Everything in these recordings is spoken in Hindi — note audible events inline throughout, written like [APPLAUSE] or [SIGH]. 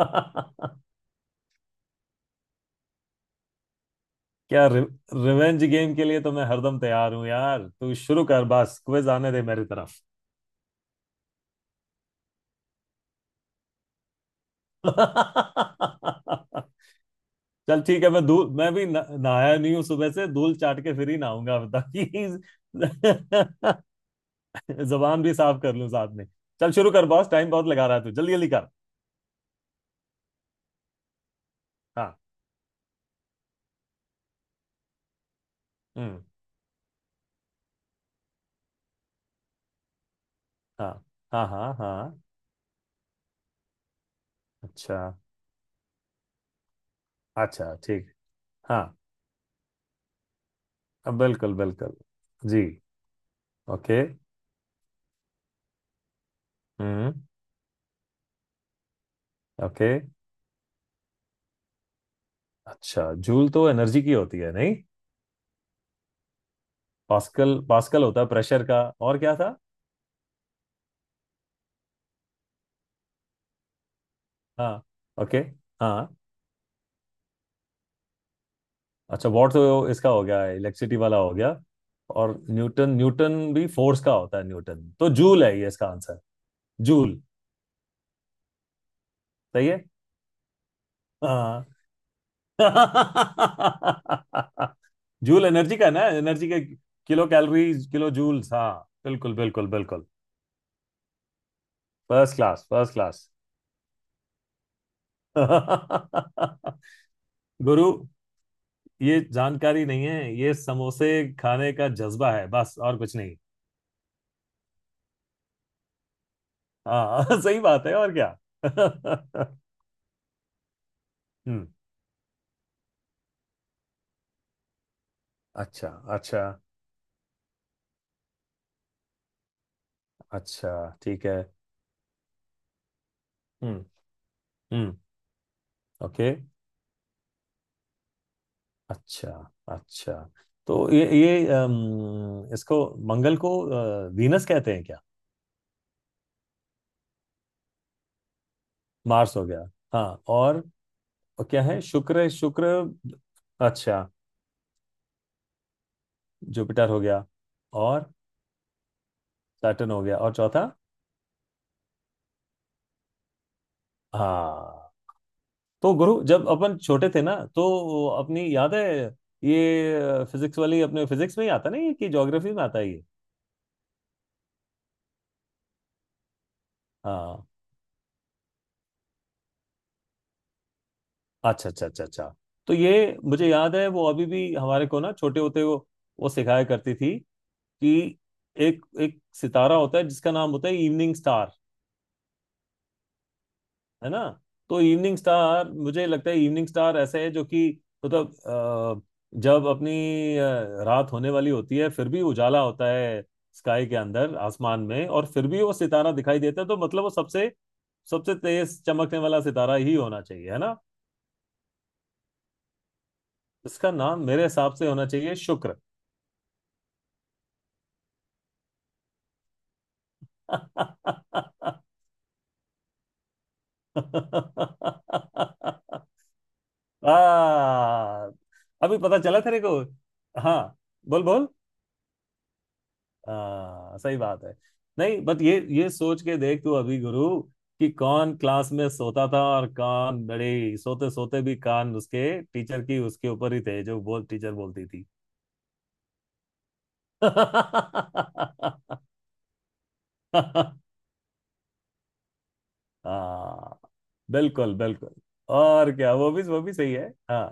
क्या। रि, रिवेंज गेम के लिए तो मैं हरदम तैयार हूं यार, तू शुरू कर, बस क्विज आने दे मेरी तरफ। [LAUGHS] चल ठीक है, मैं भी नहाया नहीं हूं, सुबह से धूल चाट के फिर ही नहाऊंगा ताकि [LAUGHS] जबान भी साफ कर लूं साथ में। चल शुरू कर बॉस, टाइम बहुत लगा रहा है, तू जल्दी जल्दी कर। हाँ। हम्म। हाँ हाँ हाँ। हाँ। अच्छा। अच्छा ठीक। हाँ, बिल्कुल बिल्कुल। जी। ओके। हम्म। ओके। अच्छा, जूल तो एनर्जी की होती है नहीं? पास्कल, पास्कल होता है प्रेशर का, और क्या था? हाँ। ओके। हाँ। अच्छा वॉट तो इसका हो गया, इलेक्ट्रिसिटी वाला हो गया। और न्यूटन, न्यूटन भी फोर्स का होता है न्यूटन। तो जूल है, ये इसका आंसर। जूल। सही है। हाँ। [LAUGHS] जूल एनर्जी का है ना, एनर्जी के किलो कैलोरीज किलो जूल्स, हाँ बिल्कुल बिल्कुल बिल्कुल। First class, first class. [LAUGHS] गुरु, ये जानकारी नहीं है, ये समोसे खाने का जज्बा है बस, और कुछ नहीं। हाँ [LAUGHS] सही बात है और क्या। [LAUGHS] हम्म। अच्छा। अच्छा। अच्छा। ठीक है। हम्म। हम्म। ओके। अच्छा। अच्छा। तो ये इसको, मंगल को वीनस कहते हैं क्या? मार्स हो गया। हाँ, और क्या है, शुक्र, शुक्र। अच्छा। जुपिटर हो गया। और सैटर्न हो गया और चौथा? हाँ। तो गुरु, जब अपन छोटे थे ना तो अपनी याद है, ये फिजिक्स वाली अपने फिजिक्स में ही आता नहीं है कि ज्योग्राफी में आता है ये? हाँ। अच्छा अच्छा अच्छा अच्छा। तो ये मुझे याद है, वो अभी भी हमारे को ना, छोटे होते वो सिखाया करती थी कि एक एक सितारा होता है जिसका नाम होता है इवनिंग स्टार, है ना। तो इवनिंग स्टार, मुझे लगता है इवनिंग स्टार ऐसे है जो कि, मतलब जब अपनी रात होने वाली होती है फिर भी उजाला होता है स्काई के अंदर, आसमान में, और फिर भी वो सितारा दिखाई देता है, तो मतलब वो सबसे सबसे तेज चमकने वाला सितारा ही होना चाहिए, है ना। इसका नाम मेरे हिसाब से होना चाहिए शुक्र। [LAUGHS] आ, अभी पता चला तेरे को। हाँ, बोल बोल। हाँ सही बात है। नहीं बट ये सोच के देख तू अभी गुरु, कि कौन क्लास में सोता था और कौन बड़े, सोते सोते भी कान उसके टीचर की उसके ऊपर ही थे, जो बोल टीचर बोलती थी। [LAUGHS] हाँ बिल्कुल बिल्कुल। और क्या, वो भी सही है हाँ।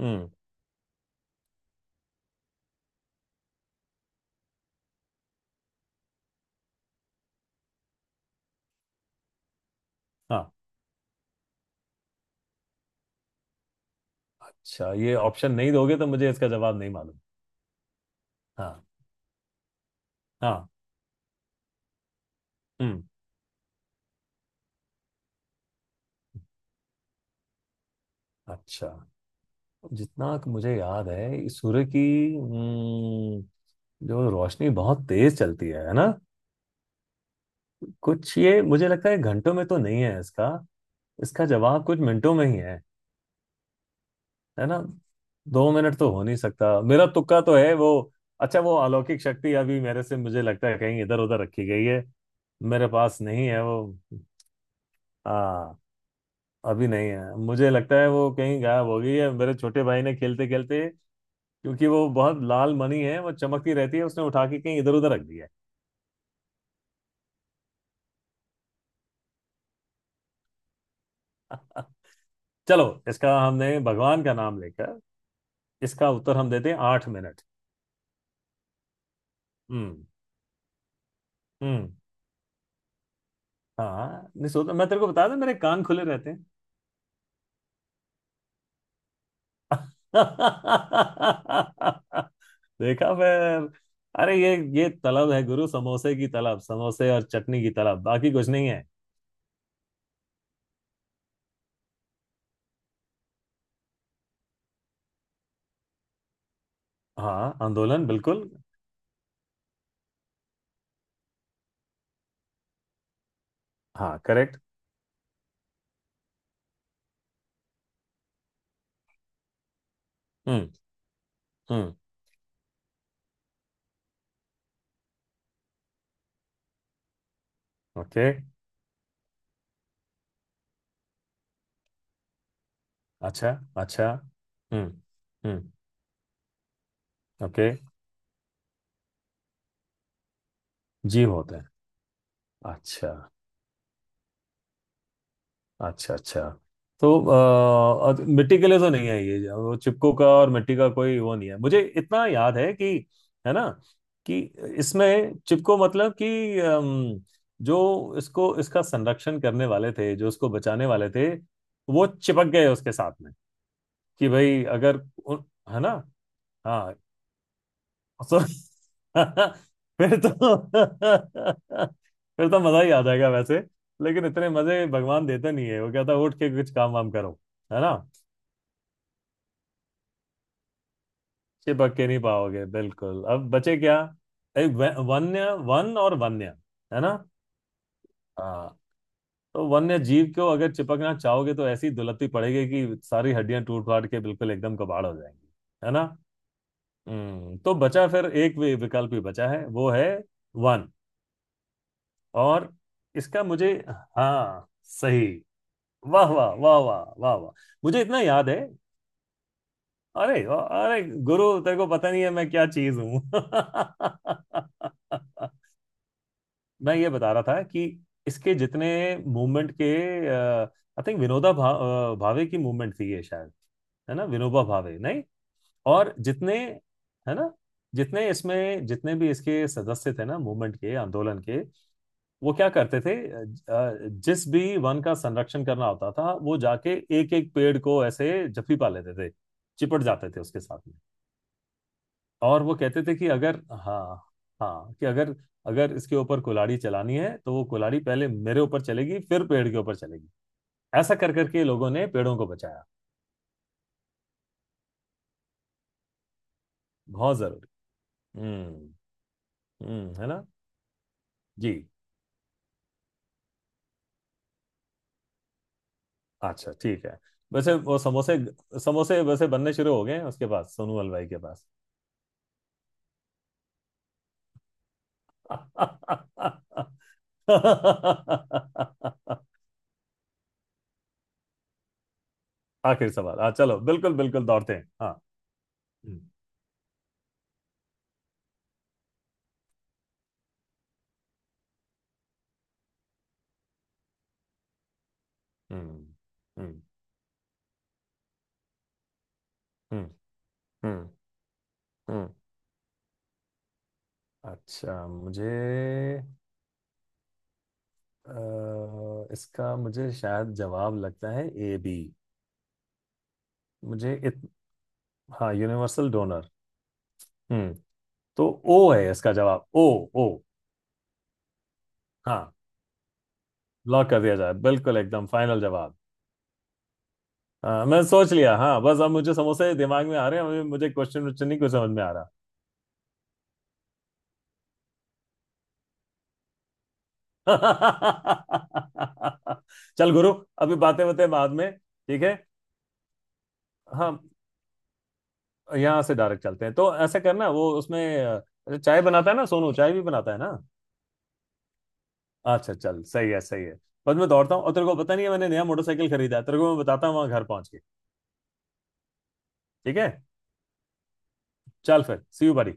हम्म। हाँ। अच्छा, ये ऑप्शन नहीं दोगे तो मुझे इसका जवाब नहीं मालूम। हाँ। हाँ। हम्म। अच्छा, जितना कि मुझे याद है सूर्य की जो रोशनी बहुत तेज चलती है ना, कुछ ये मुझे लगता है घंटों में तो नहीं है इसका, इसका जवाब कुछ मिनटों में ही है ना। 2 मिनट तो हो नहीं सकता, मेरा तुक्का तो है वो। अच्छा, वो अलौकिक शक्ति अभी मेरे से, मुझे लगता है कहीं इधर उधर रखी गई है। मेरे पास नहीं है वो। हाँ। अभी नहीं है, मुझे लगता है वो कहीं गायब हो गई है, मेरे छोटे भाई ने खेलते खेलते, क्योंकि वो बहुत लाल मणि है, वो चमकती रहती है, उसने उठा के कहीं इधर उधर रख दिया। [LAUGHS] चलो इसका हमने भगवान का नाम लेकर, इसका उत्तर हम देते हैं 8 मिनट। हम्म। हम्म। हाँ, नहीं सोचा, मैं तेरे को बता दूं, मेरे कान खुले रहते हैं। [LAUGHS] देखा फिर। अरे ये तलब है गुरु, समोसे की तलब, समोसे और चटनी की तलब, बाकी कुछ नहीं है। हाँ आंदोलन बिल्कुल। हाँ करेक्ट। हम्म। हम्म। ओके। अच्छा। अच्छा। हम्म। हम्म। ओके। जीव होते हैं। अच्छा। अच्छा। अच्छा, तो मिट्टी के लिए तो नहीं है ये, वो चिपकू का और मिट्टी का कोई वो नहीं है, मुझे इतना याद है कि, है ना, कि इसमें चिपको मतलब कि जो इसको इसका संरक्षण करने वाले थे, जो इसको बचाने वाले थे, वो चिपक गए उसके साथ में, कि भाई अगर उन- है ना। हाँ। सो [LAUGHS] फिर तो [LAUGHS] फिर तो मजा ही आ जाएगा वैसे, लेकिन इतने मजे भगवान देते नहीं है, वो कहता है उठ के कुछ काम वाम करो, है ना। चिपक के नहीं पाओगे बिल्कुल, अब बचे क्या, एक वन्य, वन और वन्य, है ना। हाँ। तो वन्य जीव को अगर चिपकना चाहोगे तो ऐसी दुलत्ती पड़ेगी कि सारी हड्डियां टूट फाट के बिल्कुल एकदम कबाड़ हो जाएंगी, है ना। हम्म, तो बचा फिर एक विकल्प ही बचा है, वो है वन। और इसका मुझे, हाँ, सही। वाह वाह वाह वाह वाह वाह। मुझे इतना याद है। अरे वाह, अरे गुरु, तेरे को पता नहीं है मैं क्या चीज हूँ। [LAUGHS] मैं ये बता रहा था कि इसके जितने मूवमेंट के, आई थिंक भावे की मूवमेंट थी ये शायद, है ना, विनोबा भावे, नहीं? और जितने, है ना, जितने इसमें जितने भी इसके सदस्य थे ना, मूवमेंट के, आंदोलन के, वो क्या करते थे, जिस भी वन का संरक्षण करना होता था वो जाके एक एक पेड़ को ऐसे जफी पा लेते थे, चिपट जाते थे उसके साथ में। और वो कहते थे कि अगर, हाँ हाँ, कि अगर अगर इसके ऊपर कुल्हाड़ी चलानी है तो वो कुल्हाड़ी पहले मेरे ऊपर चलेगी फिर पेड़ के ऊपर चलेगी। ऐसा कर करके लोगों ने पेड़ों को बचाया। बहुत जरूरी। हम्म। हम्म। है ना। जी। अच्छा ठीक है। वैसे वो समोसे, समोसे वैसे बनने शुरू हो गए हैं उसके पास, सोनू हलवाई के पास। [LAUGHS] आखिरी सवाल, हाँ चलो बिल्कुल बिल्कुल, दौड़ते हैं हाँ। हम्म। हम्म। हम्म। हम्म। हम्म। हम्म। अच्छा मुझे, इसका मुझे शायद जवाब लगता है AB। मुझे इत, हाँ, यूनिवर्सल डोनर। हम्म। तो ओ है, इसका जवाब ओ। ओ। हाँ, लॉक कर दिया जाए, बिल्कुल एकदम फाइनल जवाब। हाँ मैं सोच लिया, हाँ, बस अब मुझे समोसे दिमाग में आ रहे हैं, मुझे क्वेश्चन वोश्चन नहीं कुछ समझ में आ रहा। [LAUGHS] चल गुरु, अभी बातें बातें बाद में। ठीक है। हाँ। यहाँ से डायरेक्ट चलते हैं, तो ऐसे करना वो उसमें चाय बनाता है ना सोनू, चाय भी बनाता है ना? अच्छा चल, सही है सही है। बस मैं दौड़ता हूँ, और तेरे को पता नहीं है, मैंने नया मोटरसाइकिल खरीदा है, तेरे को मैं बताता हूँ वहां घर पहुंच के। ठीक है। चल फिर CU बड़ी।